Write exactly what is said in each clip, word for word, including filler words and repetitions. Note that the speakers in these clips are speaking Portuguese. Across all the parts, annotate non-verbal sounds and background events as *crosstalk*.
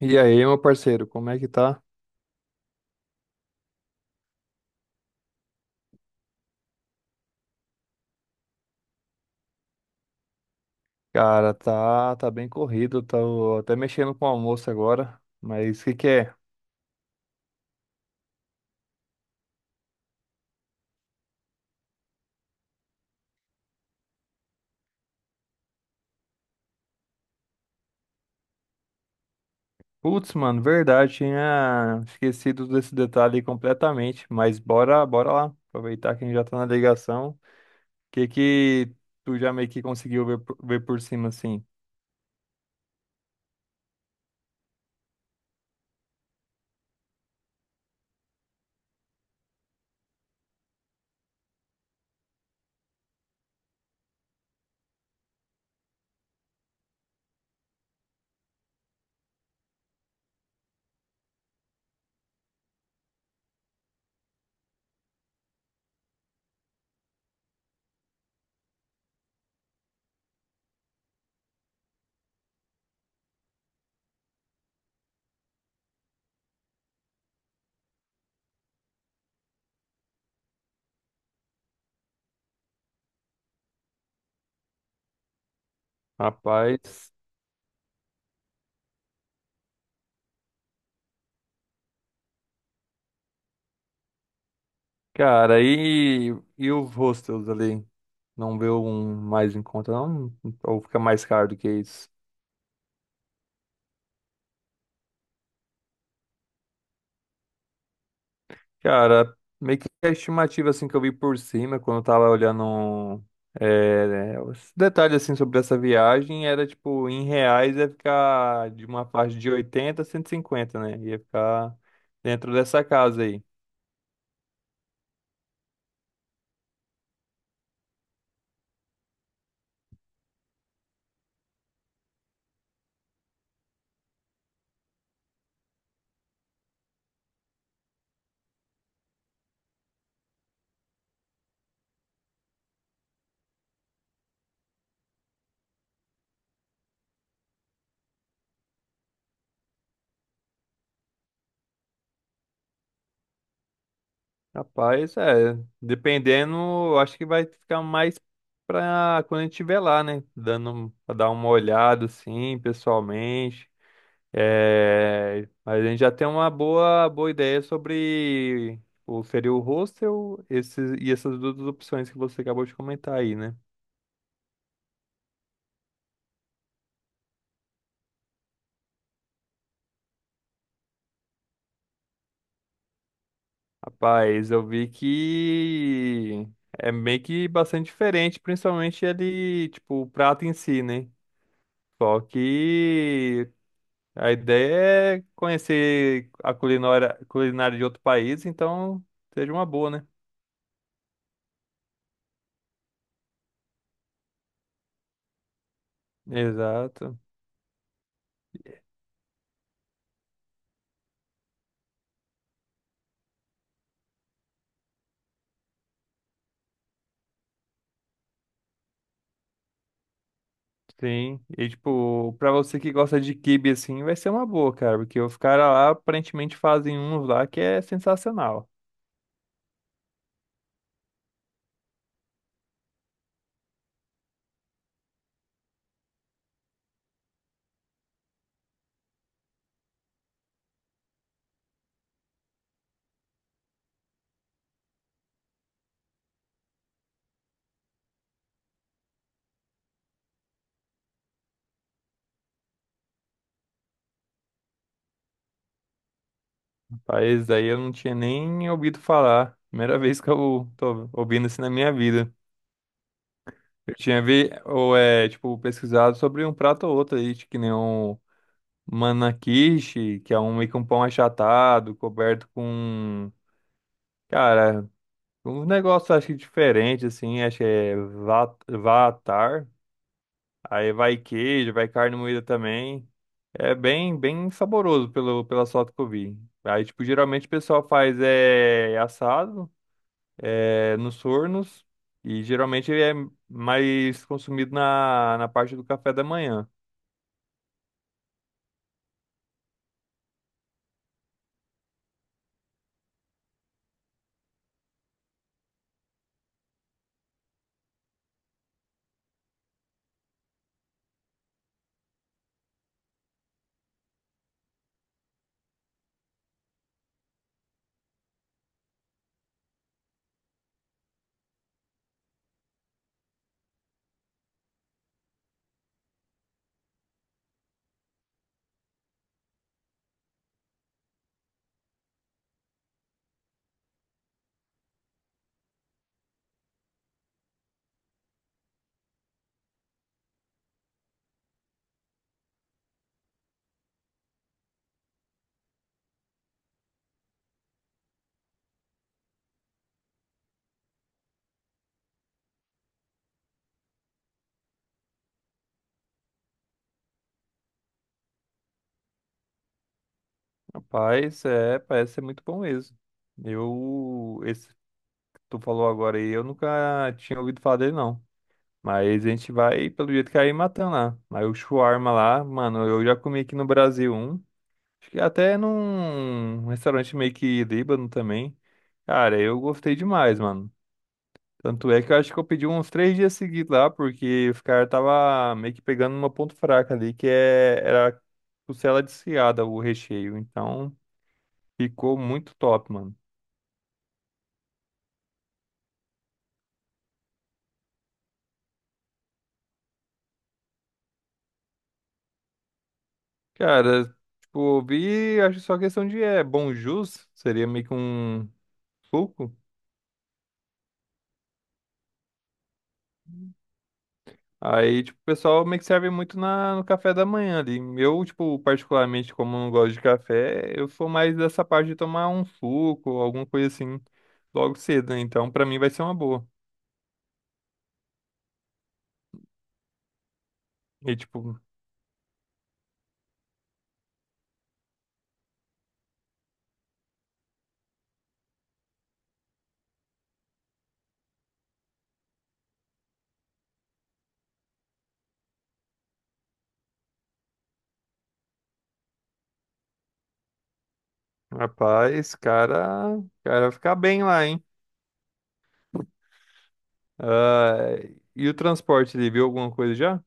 E aí, meu parceiro, como é que tá? Cara, tá, tá bem corrido, tô até mexendo com o almoço agora, mas o que que é? Putz, mano, verdade, tinha esquecido desse detalhe completamente, mas bora, bora lá, aproveitar que a gente já tá na ligação. O que que tu já meio que conseguiu ver, por- ver por cima, assim? Rapaz, cara, e, e os hostels ali? Não vê um mais em conta, não? Ou fica mais caro do que isso? Cara, meio que a estimativa assim que eu vi por cima, quando eu tava olhando é, né, os detalhes assim sobre essa viagem, era tipo, em reais ia ficar de uma faixa de oitenta a cento e cinquenta, né? Ia ficar dentro dessa casa aí. Rapaz, é, dependendo, eu acho que vai ficar mais pra quando a gente estiver lá, né? Dando, pra dar uma olhada assim, pessoalmente. É, mas a gente já tem uma boa, boa ideia sobre o seria o hostel esses, e essas duas opções que você acabou de comentar aí, né? Rapaz, eu vi que é meio que bastante diferente, principalmente ali, tipo, o prato em si, né? Só que a ideia é conhecer a culinária, culinária de outro país, então seja uma boa, né? Exato. Sim, e tipo, pra você que gosta de quibe assim, vai ser uma boa, cara, porque os caras lá aparentemente fazem uns lá que é sensacional. Rapaz, daí eu não tinha nem ouvido falar. Primeira *laughs* vez que eu tô ouvindo isso na minha vida. Eu tinha vi, ou é, tipo, pesquisado sobre um prato ou outro aí, tipo, que nem um manakishi, que é um meio que um pão achatado, coberto com, cara, um negócio acho que diferente assim, acho que é va- vatar. Aí vai queijo, vai carne moída também. É bem, bem saboroso pelo, pelas fotos que eu vi. Aí, tipo, geralmente o pessoal faz é, assado é, nos fornos e geralmente ele é mais consumido na, na parte do café da manhã. Rapaz, é, parece ser muito bom mesmo. Eu, esse que tu falou agora aí, eu nunca tinha ouvido falar dele, não. Mas a gente vai, pelo jeito que aí, matando lá. Aí o shawarma lá, mano, eu já comi aqui no Brasil um. Acho que até num restaurante meio que líbano também. Cara, eu gostei demais, mano. Tanto é que eu acho que eu pedi uns três dias seguidos lá, porque os caras tava meio que pegando uma ponto fraca ali, que é, era costela desfiada, o recheio. Então, ficou muito top, mano. Cara, tipo, eu vi, acho que só questão de é, bom jus, seria meio que um suco. Aí, tipo, o pessoal meio que serve muito na, no café da manhã ali. Eu, tipo, particularmente, como não gosto de café, eu sou mais dessa parte de tomar um suco, alguma coisa assim, logo cedo, né? Então, pra mim vai ser uma boa. E, tipo, rapaz, cara, cara vai ficar bem lá, hein? Ah, e o transporte ali, viu alguma coisa já?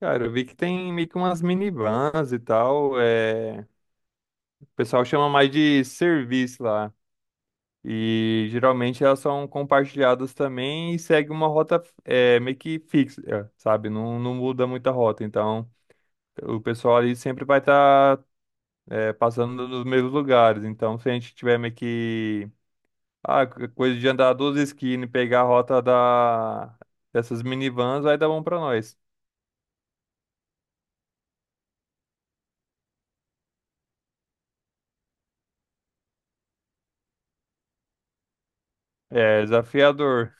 Cara, eu vi que tem meio que umas minivans e tal. É... O pessoal chama mais de serviço lá. E geralmente elas são compartilhadas também e segue uma rota é, meio que fixa, eh, sabe? Não, não muda muita rota. Então, o pessoal ali sempre vai estar passando nos mesmos lugares. Então, se a gente tiver meio que ah, co- coisa de andar duas esquinas e pegar a rota da, dessas minivans, vai dar bom pra nós. É desafiador,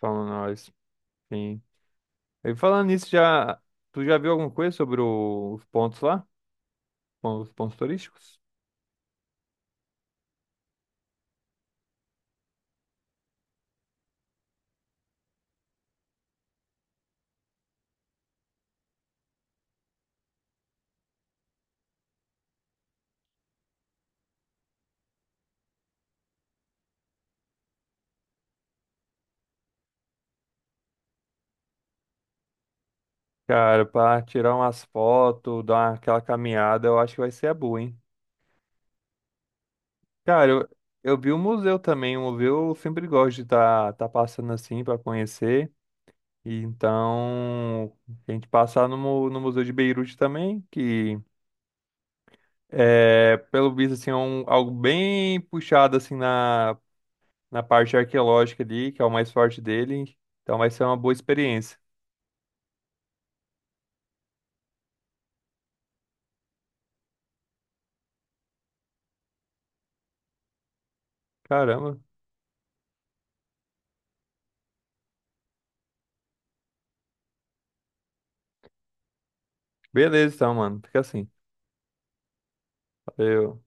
falando nós. Sim. E falando nisso, já, tu já viu alguma coisa sobre o- os pontos lá? Os pontos turísticos? Cara, pra tirar umas fotos, dar uma- aquela caminhada, eu acho que vai ser a boa, hein? Cara, eu, eu vi o museu também, o museu eu sempre gosto de estar tá, tá passando assim pra conhecer. E então, a gente passar no, mu- no Museu de Beirute também, que é, pelo visto, assim, é um, algo bem puxado assim na, na parte arqueológica ali, que é o mais forte dele. Então vai ser uma boa experiência. Caramba. Beleza então, mano. Fica assim. Valeu.